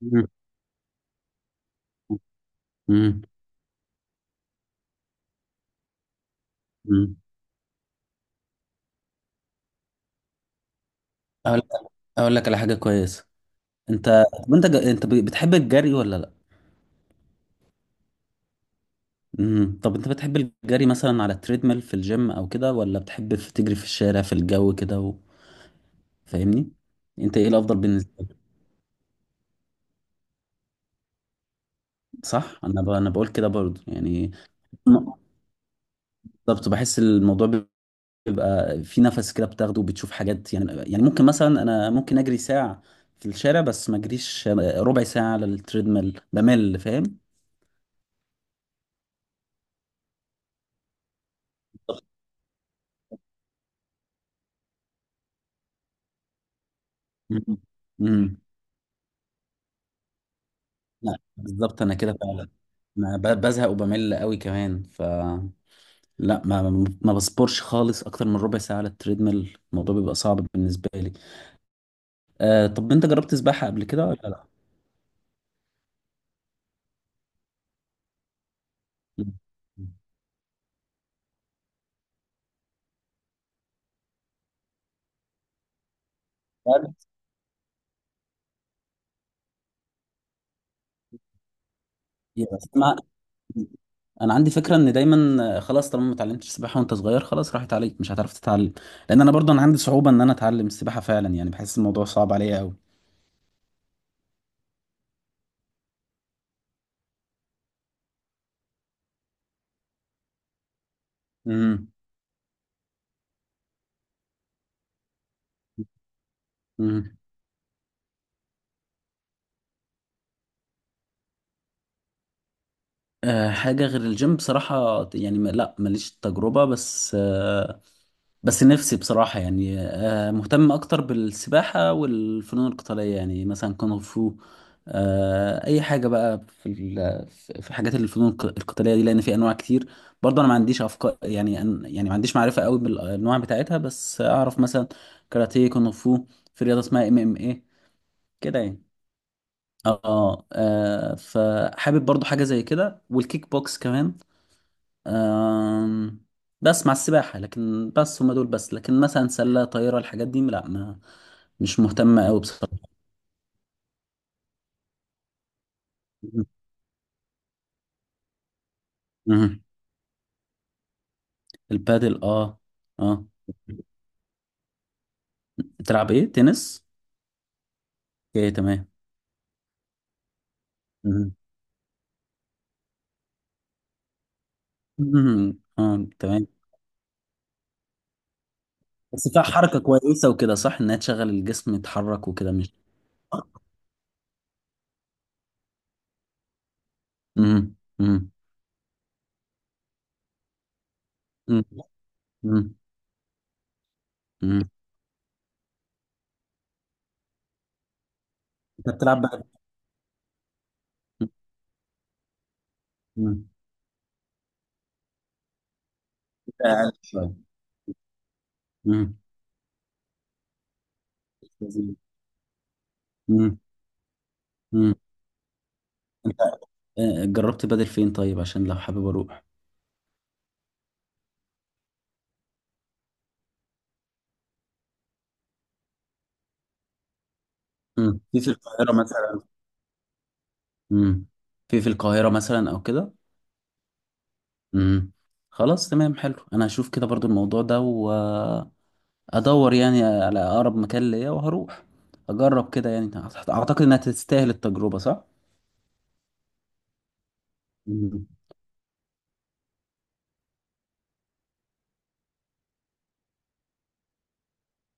مم. مم. مم. اقول لك اقول لك على حاجه كويسه. انت طب انت بتحب الجري ولا لا؟ مم. طب انت بتحب الجري مثلا على التريدميل في الجيم او كده، ولا بتحب تجري في الشارع في الجو كده فاهمني؟ انت ايه الافضل بالنسبه لك؟ صح، انا بقول كده برضو يعني. م- بالظبط، بحس الموضوع بيبقى في نفس كده بتاخده وبتشوف حاجات، يعني ممكن مثلا انا ممكن اجري ساعه في الشارع، بس ما اجريش ربع ساعه على التريدميل، بمل، فاهم؟ بالظبط. مم. مم. لا بالظبط انا كده فعلا، ما ب- بزهق وبمل قوي كمان ف، لا ما بصبرش خالص اكتر من ربع ساعه على التريدميل، الموضوع بيبقى صعب بالنسبه لي. طب انت جربت سباحه قبل كده ولا لا؟ مم. لا، بس ما- انا عندي فكره ان دايما، خلاص طالما ما اتعلمتش سباحه وانت صغير خلاص راحت عليك، مش هتعرف تتعلم. لان انا برضه انا عندي صعوبه ان انا اتعلم السباحه فعلا، يعني بحس الموضوع صعب عليا قوي. امم امم حاجه غير الجيم بصراحه، يعني لا ماليش تجربه، بس نفسي بصراحة يعني، مهتم أكتر بالسباحة والفنون القتالية، يعني مثلا كونغ فو، أي حاجة بقى في حاجات الفنون القتالية دي، لأن في أنواع كتير. برضه أنا ما عنديش أفكار، يعني يعني ما عنديش معرفة قوي بالأنواع بتاعتها، بس أعرف مثلا كاراتيه، كونغ فو، في رياضة اسمها MMA كده يعني. فحابب برضه حاجة زي كده، والكيك بوكس كمان. آم، بس مع السباحة، لكن بس هما دول بس، لكن مثلا سلة طايرة، الحاجات دي لا ما، مش مهتم قوي بصراحة. مهم. البادل اه. اه بتلعب ايه، تنس؟ اوكي تمام. مهم. مهم. اه تمام. بس فيها حركة كويسة وكده، صح؟ انها تشغل الجسم يتحرك وكده، مش؟ مهم. مهم. مهم. مهم. مهم. انت بتلعب بقى؟ مهم. أقل شوية. مهم. مهم. مهم. جربت بدل فين طيب، عشان لو حابب اروح. مم. في القاهرة مثلا. مم. في القاهرة مثلا او كده. مم. خلاص تمام، حلو، انا هشوف كده برضو الموضوع ده وادور يعني على اقرب مكان ليا، وهروح اجرب كده يعني. اعتقد انها تستاهل التجربة، صح؟ مم.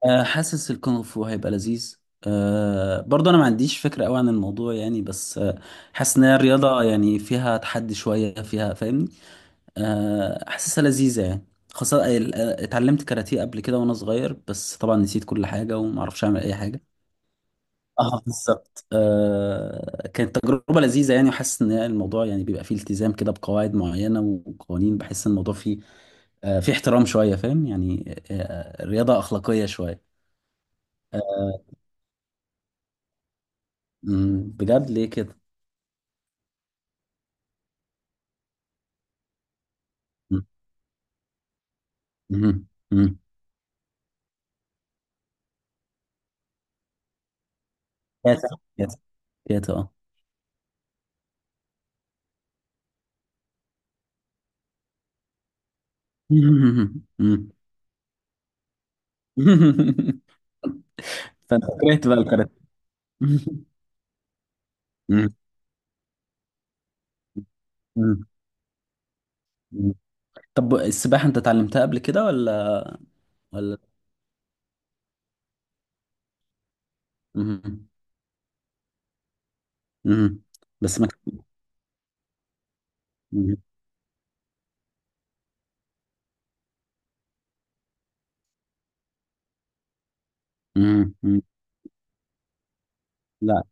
حاسس الكونغ فو هيبقى لذيذ، برضه انا ما عنديش فكره قوي عن الموضوع يعني، بس حاسس ان هي رياضه، يعني فيها تحدي شويه فيها، فاهمني؟ حاسسها لذيذة يعني. خاصة اتعلمت كاراتيه قبل كده وانا صغير، بس طبعا نسيت كل حاجة ومعرفش اعمل اي حاجة. اه بالظبط، كانت تجربة لذيذة يعني، وحاسس ان الموضوع يعني بيبقى فيه التزام كده بقواعد معينة وقوانين. بحس ان الموضوع فيه احترام شوية، فاهم يعني؟ آه، رياضة أخلاقية شوية. آه، بجد ليه كده؟ مم، مم، مم. كاتا، كاتا، كاتا، اه. مم، مم، مم. فانت كرهت بقى الكاراتيه؟ مم. مم. طب السباحة انت اتعلمتها قبل كده ولا؟ مم. مم. بس ما كان- مم. مم. مم. لا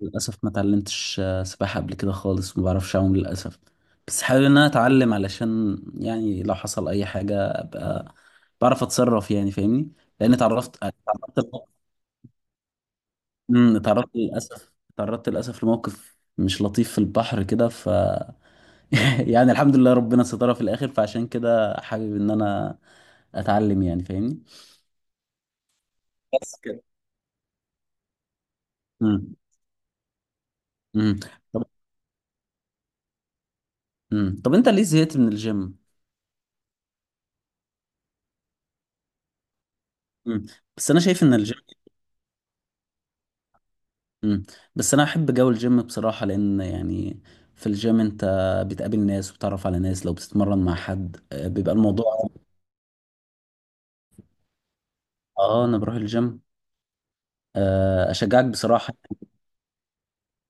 للأسف ما اتعلمتش سباحة قبل كده خالص، ما بعرفش أعوم للأسف، بس حابب إن أنا أتعلم علشان يعني لو حصل أي حاجة أبقى بعرف أتصرف يعني، فاهمني؟ لأن اتعرفت اتعرضت ل- مم. اتعرضت للأسف اتعرضت للأسف لموقف مش لطيف في البحر كده، يعني الحمد لله ربنا سترها في الاخر، فعشان كده حابب ان انا اتعلم يعني، فاهمني؟ بس كده. امم امم طب، طب انت ليه زهقت من الجيم؟ امم بس انا شايف ان الجيم، امم بس انا احب جو الجيم بصراحة، لان يعني في الجيم انت بتقابل ناس وبتعرف على ناس، لو بتتمرن مع حد بيبقى الموضوع انا بروح الجيم. اشجعك بصراحة.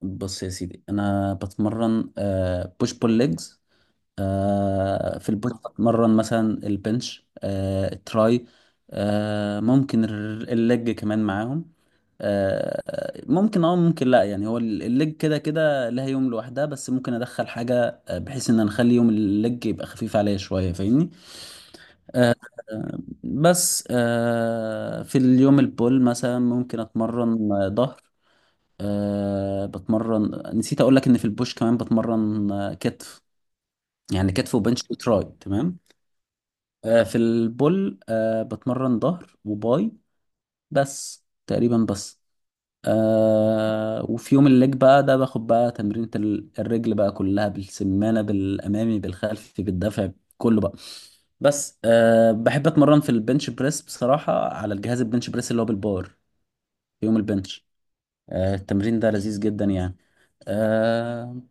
بص يا سيدي، انا بتمرن بوش بول ليجز. في البوش بتمرن مثلا البنش، التراي، ممكن الليج كمان معاهم. ممكن لا يعني، هو الليج كده كده لها يوم لوحدها، بس ممكن ادخل حاجة بحيث ان أنا اخلي يوم الليج يبقى خفيف عليا شوية، فاهمني؟ آه، بس في اليوم البول مثلا ممكن اتمرن ظهر. بتمرن، نسيت اقول لك ان في البوش كمان بتمرن كتف، يعني كتف وبنش وتراي تمام. في البول بتمرن ظهر وباي، بس تقريبا بس. وفي يوم الليج بقى، ده باخد بقى تمرينة الرجل بقى كلها، بالسمانة، بالأمامي، بالخلفي، بالدفع، كله بقى. بس بحب أتمرن في البنش بريس بصراحة، على الجهاز البنش بريس اللي هو بالبار، في يوم البنش. التمرين ده لذيذ جدا يعني. آه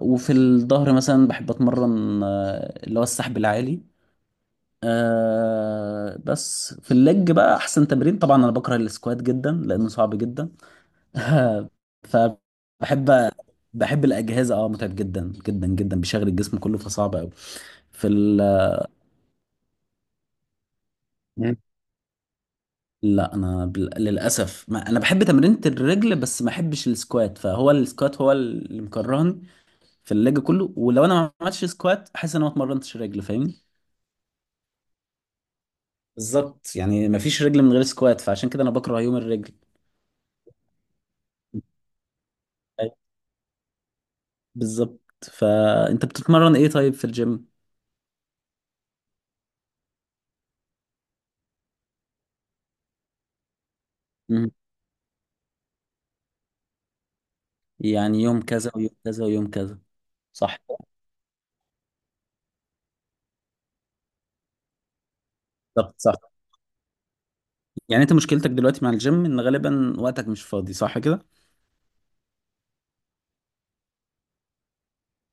وفي الظهر مثلا بحب أتمرن، اللي هو السحب العالي. بس في اللج بقى احسن تمرين، طبعا انا بكره السكوات جدا لانه صعب جدا. فبحب الاجهزه، متعب جدا جدا جدا، بيشغل الجسم كله، فصعب قوي. في ال... مم. لا انا للاسف ما... انا بحب تمرينة الرجل، بس ما بحبش السكوات، فهو السكوات هو اللي مكرهني في اللج كله، ولو انا ما عملتش سكوات احس ان انا ما اتمرنتش رجل، فاهمني؟ بالظبط يعني ما فيش رجل من غير سكوات، فعشان كده انا بكره يوم الرجل. بالظبط. فانت بتتمرن ايه طيب في الجيم؟ مم. يعني يوم كذا ويوم كذا ويوم كذا. صح كده؟ بالظبط، صح. يعني انت مشكلتك دلوقتي مع الجيم ان غالبا وقتك مش فاضي، صح كده؟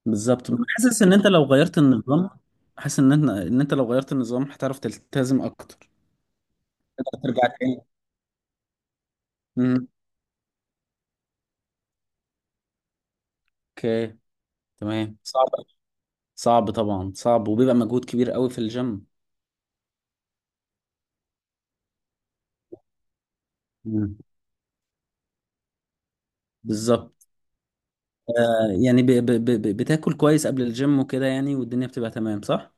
بالظبط. أنا حاسس ان انت لو غيرت النظام، حاسس ان انت لو غيرت النظام هتعرف تلتزم اكتر. تقدر ترجع تاني. مم. اوكي تمام. صعب، صعب طبعا، صعب وبيبقى مجهود كبير قوي في الجيم. مم. بالظبط. يعني بتاكل كويس قبل الجيم وكده يعني، والدنيا بتبقى تمام، صح؟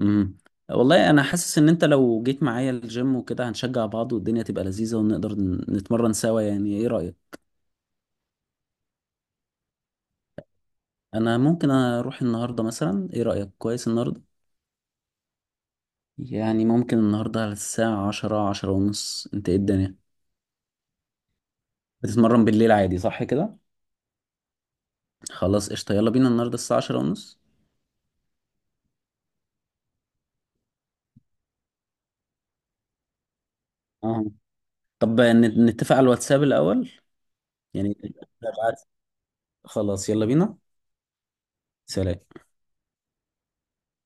امم والله انا حاسس ان انت لو جيت معايا الجيم وكده، هنشجع بعض والدنيا تبقى لذيذة، ونقدر نتمرن سوا. يعني ايه رأيك؟ انا ممكن اروح النهاردة مثلا، ايه رأيك؟ كويس النهاردة، يعني ممكن النهاردة على الساعة 10، 10:30. انت ايه الدنيا، بتتمرن بالليل عادي صح كده؟ خلاص قشطة، يلا بينا النهاردة الساعة 10:30. اه. طب نتفق على الواتساب الأول، يعني ابعت- خلاص يلا بينا. سلام.